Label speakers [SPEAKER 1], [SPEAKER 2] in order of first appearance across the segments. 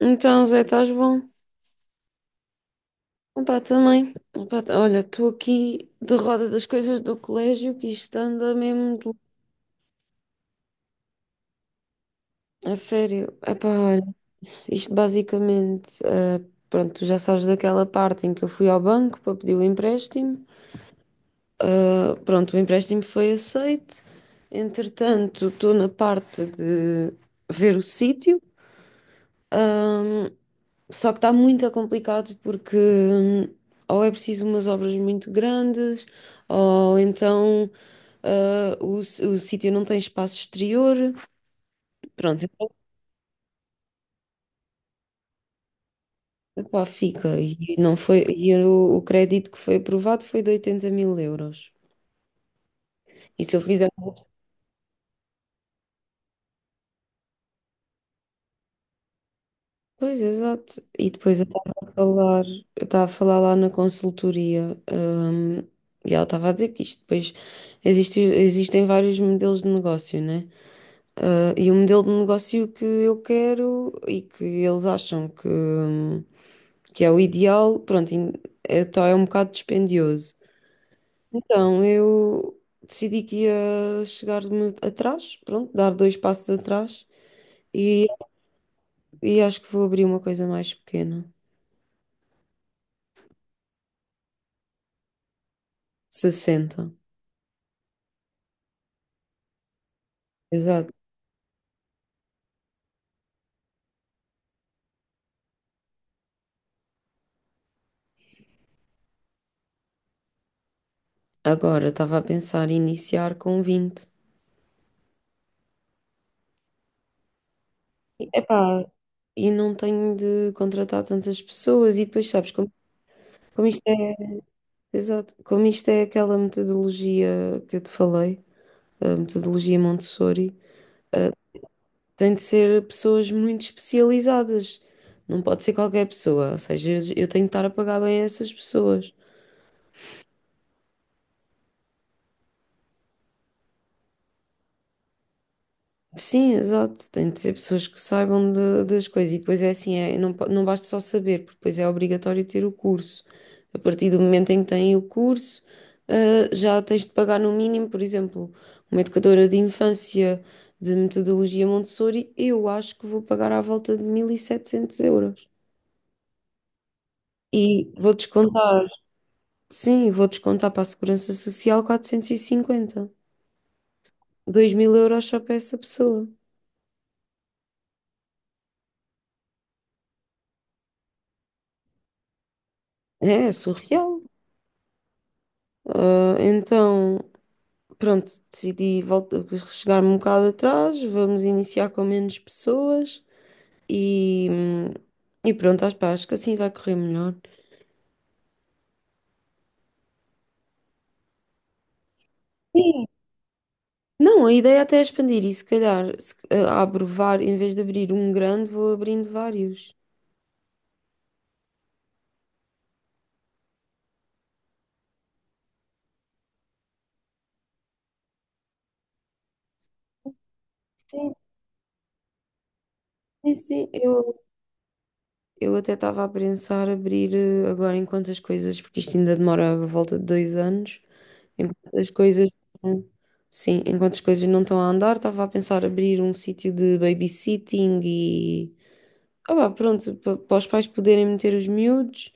[SPEAKER 1] Então, Zé, estás bom? Opa, também. Opa, olha, estou aqui de roda das coisas do colégio que isto anda mesmo de... A sério. Epá, olha, isto basicamente, pronto, tu já sabes daquela parte em que eu fui ao banco para pedir o empréstimo. Pronto, o empréstimo foi aceito. Entretanto, estou na parte de ver o sítio. Só que está muito complicado porque ou é preciso umas obras muito grandes, ou então o sítio não tem espaço exterior. Pronto, então epá, fica. E, não foi, e o crédito que foi aprovado foi de 80 mil euros. E se eu fizer. Pois, exato. E depois eu estava a falar, eu estava a falar lá na consultoria, e ela estava a dizer que isto depois existem vários modelos de negócio, né? E o modelo de negócio que eu quero e que eles acham que é o ideal, pronto, é, tá, é um bocado dispendioso. Então eu decidi que ia chegar-me atrás, pronto, dar dois passos atrás e, e acho que vou abrir uma coisa mais pequena, 60. Exato. Agora estava a pensar em iniciar com 20. E, epá, e não tenho de contratar tantas pessoas e depois sabes como, como isto é. Exato. Como isto é aquela metodologia que eu te falei, a metodologia Montessori, eh, tem de ser pessoas muito especializadas. Não pode ser qualquer pessoa. Ou seja, eu tenho de estar a pagar bem a essas pessoas. Sim, exato. Tem de ser pessoas que saibam das coisas. E depois é assim, é, não, não basta só saber, porque depois é obrigatório ter o curso. A partir do momento em que têm o curso, já tens de pagar no mínimo, por exemplo, uma educadora de infância de metodologia Montessori, eu acho que vou pagar à volta de 1.700 euros. E vou descontar, sim, vou descontar para a Segurança Social 450, 2.000 euros só para essa pessoa. É, é surreal. Então. Pronto, decidi voltar chegar-me um bocado atrás, vamos iniciar com menos pessoas e, e pronto, acho, pá, acho que assim vai correr melhor. Sim. Não, a ideia até é expandir e se calhar se, em vez de abrir um grande, vou abrindo vários. Sim, sim, sim. Eu até estava a pensar abrir agora enquanto as coisas, porque isto ainda demora a volta de 2 anos, enquanto as coisas, sim, enquanto as coisas não estão a andar, estava a pensar abrir um sítio de babysitting e, pá, pronto, para os pais poderem meter os miúdos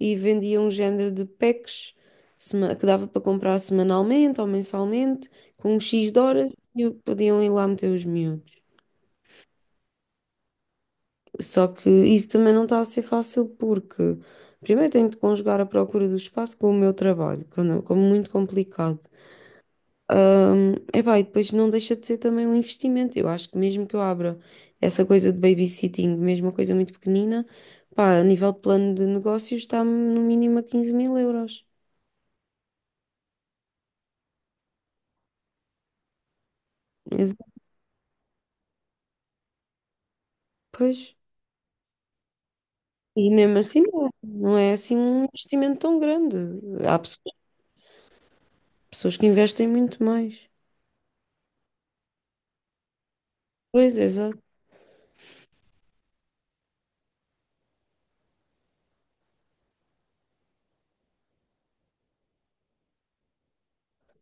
[SPEAKER 1] e vendia um género de packs que dava para comprar semanalmente ou mensalmente, com um X de horas e podiam ir lá meter os miúdos. Só que isso também não está a ser fácil porque primeiro tenho de conjugar a procura do espaço com o meu trabalho, que como muito complicado. Epá, e depois não deixa de ser também um investimento. Eu acho que mesmo que eu abra essa coisa de babysitting, mesmo uma coisa muito pequenina, pá, a nível de plano de negócios está-me no mínimo a 15.000 euros. Mas, pois. E mesmo assim não é assim um investimento tão grande. Há pessoas que investem muito mais. Pois, exato.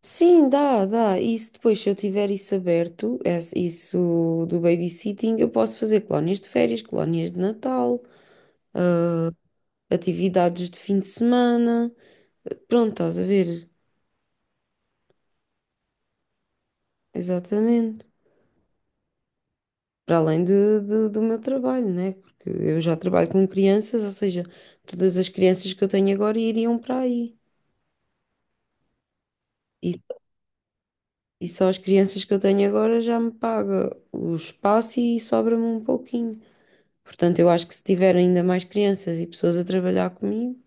[SPEAKER 1] Sim, dá, dá. Isso depois, se eu tiver isso aberto, isso do babysitting, eu posso fazer colónias de férias, colónias de Natal, atividades de fim de semana. Pronto, estás a ver? Exatamente. Para além de, do meu trabalho, né? Porque eu já trabalho com crianças, ou seja, todas as crianças que eu tenho agora iriam para aí. E, e só as crianças que eu tenho agora já me paga o espaço e sobra-me um pouquinho. Portanto, eu acho que se tiver ainda mais crianças e pessoas a trabalhar comigo.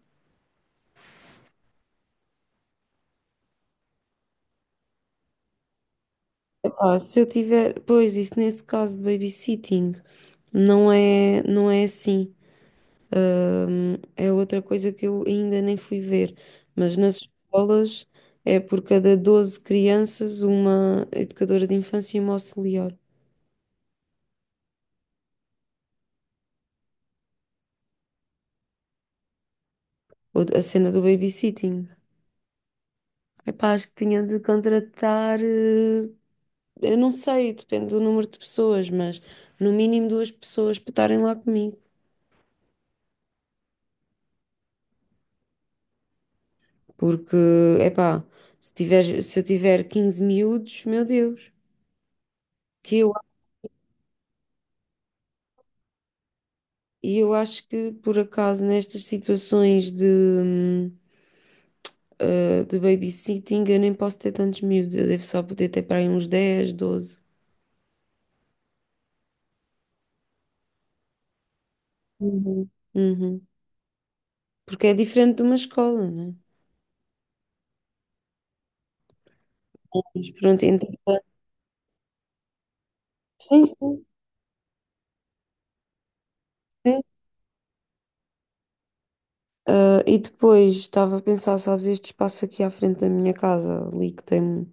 [SPEAKER 1] Se eu tiver, pois isso nesse caso de babysitting não é assim. É outra coisa que eu ainda nem fui ver, mas nas escolas é por cada 12 crianças uma educadora de infância e uma auxiliar. Ou a cena do babysitting. Epá, acho que tinha de contratar, eu não sei, depende do número de pessoas, mas no mínimo 2 pessoas para estarem lá comigo. Porque, epá, se tiver, se eu tiver 15 miúdos, meu Deus, que eu, e eu acho que por acaso nestas situações de, de babysitting eu nem posso ter tantos miúdos, eu devo só poder ter para aí uns 10 12. Uhum. Uhum. Porque é diferente de uma escola, né? Mas pronto, então. Sim, sim, sim. E depois estava a pensar, sabes, este espaço aqui à frente da minha casa, ali que tem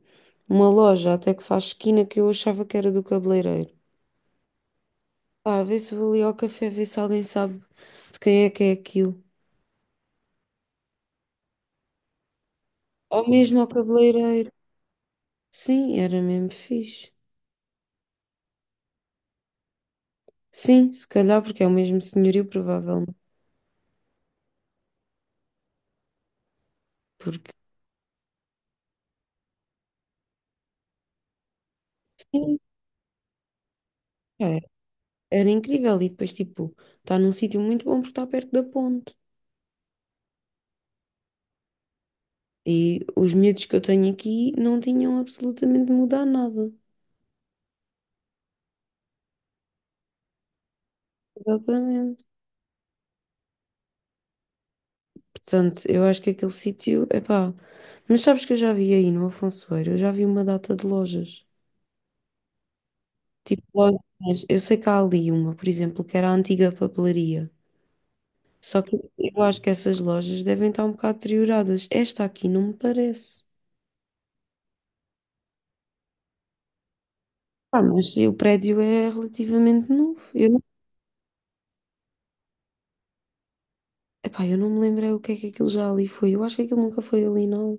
[SPEAKER 1] uma loja até que faz esquina que eu achava que era do cabeleireiro. Pá, vê se vou ali ao café, ver se alguém sabe de quem é que é aquilo. Ou mesmo ao cabeleireiro. Sim, era mesmo fixe. Sim, se calhar porque é o mesmo senhorio, provavelmente. Porque sim, era, era incrível. E depois, tipo, está num sítio muito bom porque está perto da ponte. E os medos que eu tenho aqui não tinham absolutamente de mudar nada. Exatamente. Portanto, eu acho que aquele sítio, é pá. Mas sabes que eu já vi aí no Afonso eu já vi uma data de lojas. Tipo, lojinhas. Eu sei que há ali uma, por exemplo, que era a antiga papelaria. Só que eu acho que essas lojas devem estar um bocado deterioradas. Esta aqui não me parece. Mas o prédio é relativamente novo. Eu não, epá, eu não me lembrei o que é que aquilo já ali foi. Eu acho que aquilo nunca foi ali, não.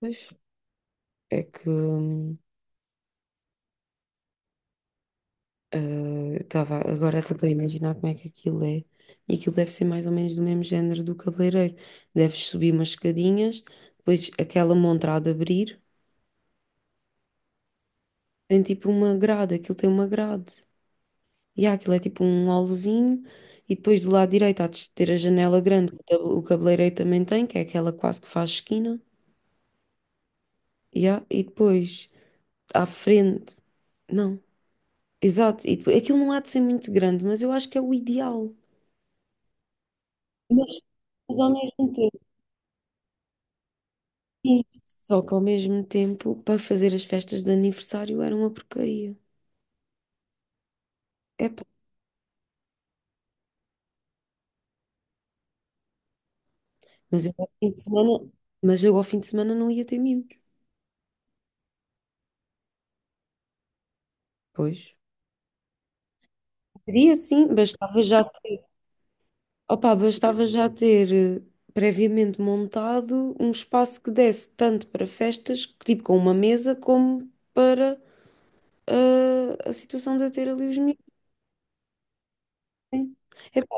[SPEAKER 1] Pois é que eh, eu estava agora a tentar imaginar como é que aquilo é. E aquilo deve ser mais ou menos do mesmo género do cabeleireiro. Deves subir umas escadinhas, depois aquela montra há de abrir. Tem tipo uma grade, aquilo tem uma grade. E há, aquilo é tipo um holozinho. E depois do lado direito há de ter a janela grande, que o o cabeleireiro também tem, que é aquela quase que faz esquina. E, há, e depois à frente. Não, exato. E depois, aquilo não há de ser muito grande, mas eu acho que é o ideal. Mas, mas ao mesmo tempo. Sim, só que ao mesmo tempo, para fazer as festas de aniversário era uma porcaria. Epá, mas eu ao fim de semana, mas eu ao fim de semana não ia ter miúdos. Pois. Seria sim, bastava já ter, opa, bastava já ter eh, previamente montado um espaço que desse tanto para festas, tipo com uma mesa, como para a situação de eu ter ali os miúdos. Né? Epá,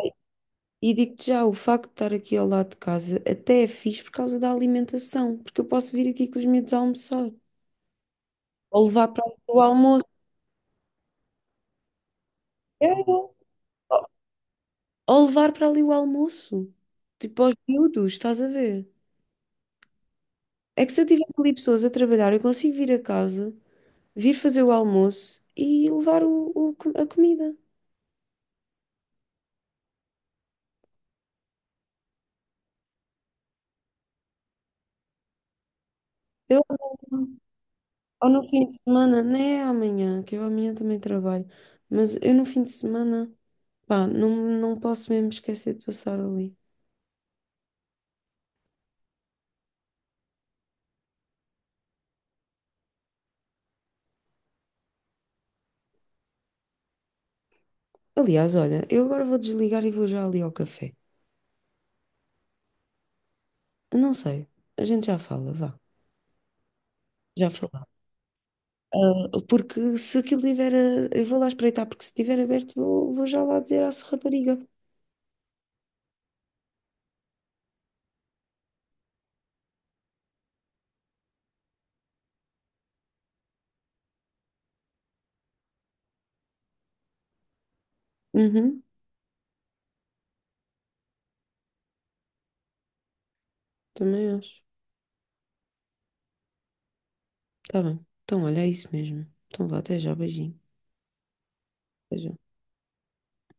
[SPEAKER 1] e digo-te já, o facto de estar aqui ao lado de casa até é fixe por causa da alimentação, porque eu posso vir aqui com os meus almoçar, ou levar para ali o almoço, é, é. Ou levar para ali o almoço, tipo aos miúdos, estás a ver? É que se eu tiver ali pessoas a trabalhar, eu consigo vir a casa. Vir fazer o almoço e levar o, a comida. Eu, ou no fim de semana, nem é amanhã, que eu amanhã também trabalho, mas eu no fim de semana, pá, não, não posso mesmo esquecer de passar ali. Aliás, olha, eu agora vou desligar e vou já ali ao café. Eu não sei, a gente já fala, vá, já fala. Porque se aquilo estiver, eu vou lá espreitar, porque se estiver aberto, vou já lá dizer à rapariga. Uhum, também acho. Tá bem. Então, olha, é isso mesmo. Então, vá, até já, beijinho. Até já.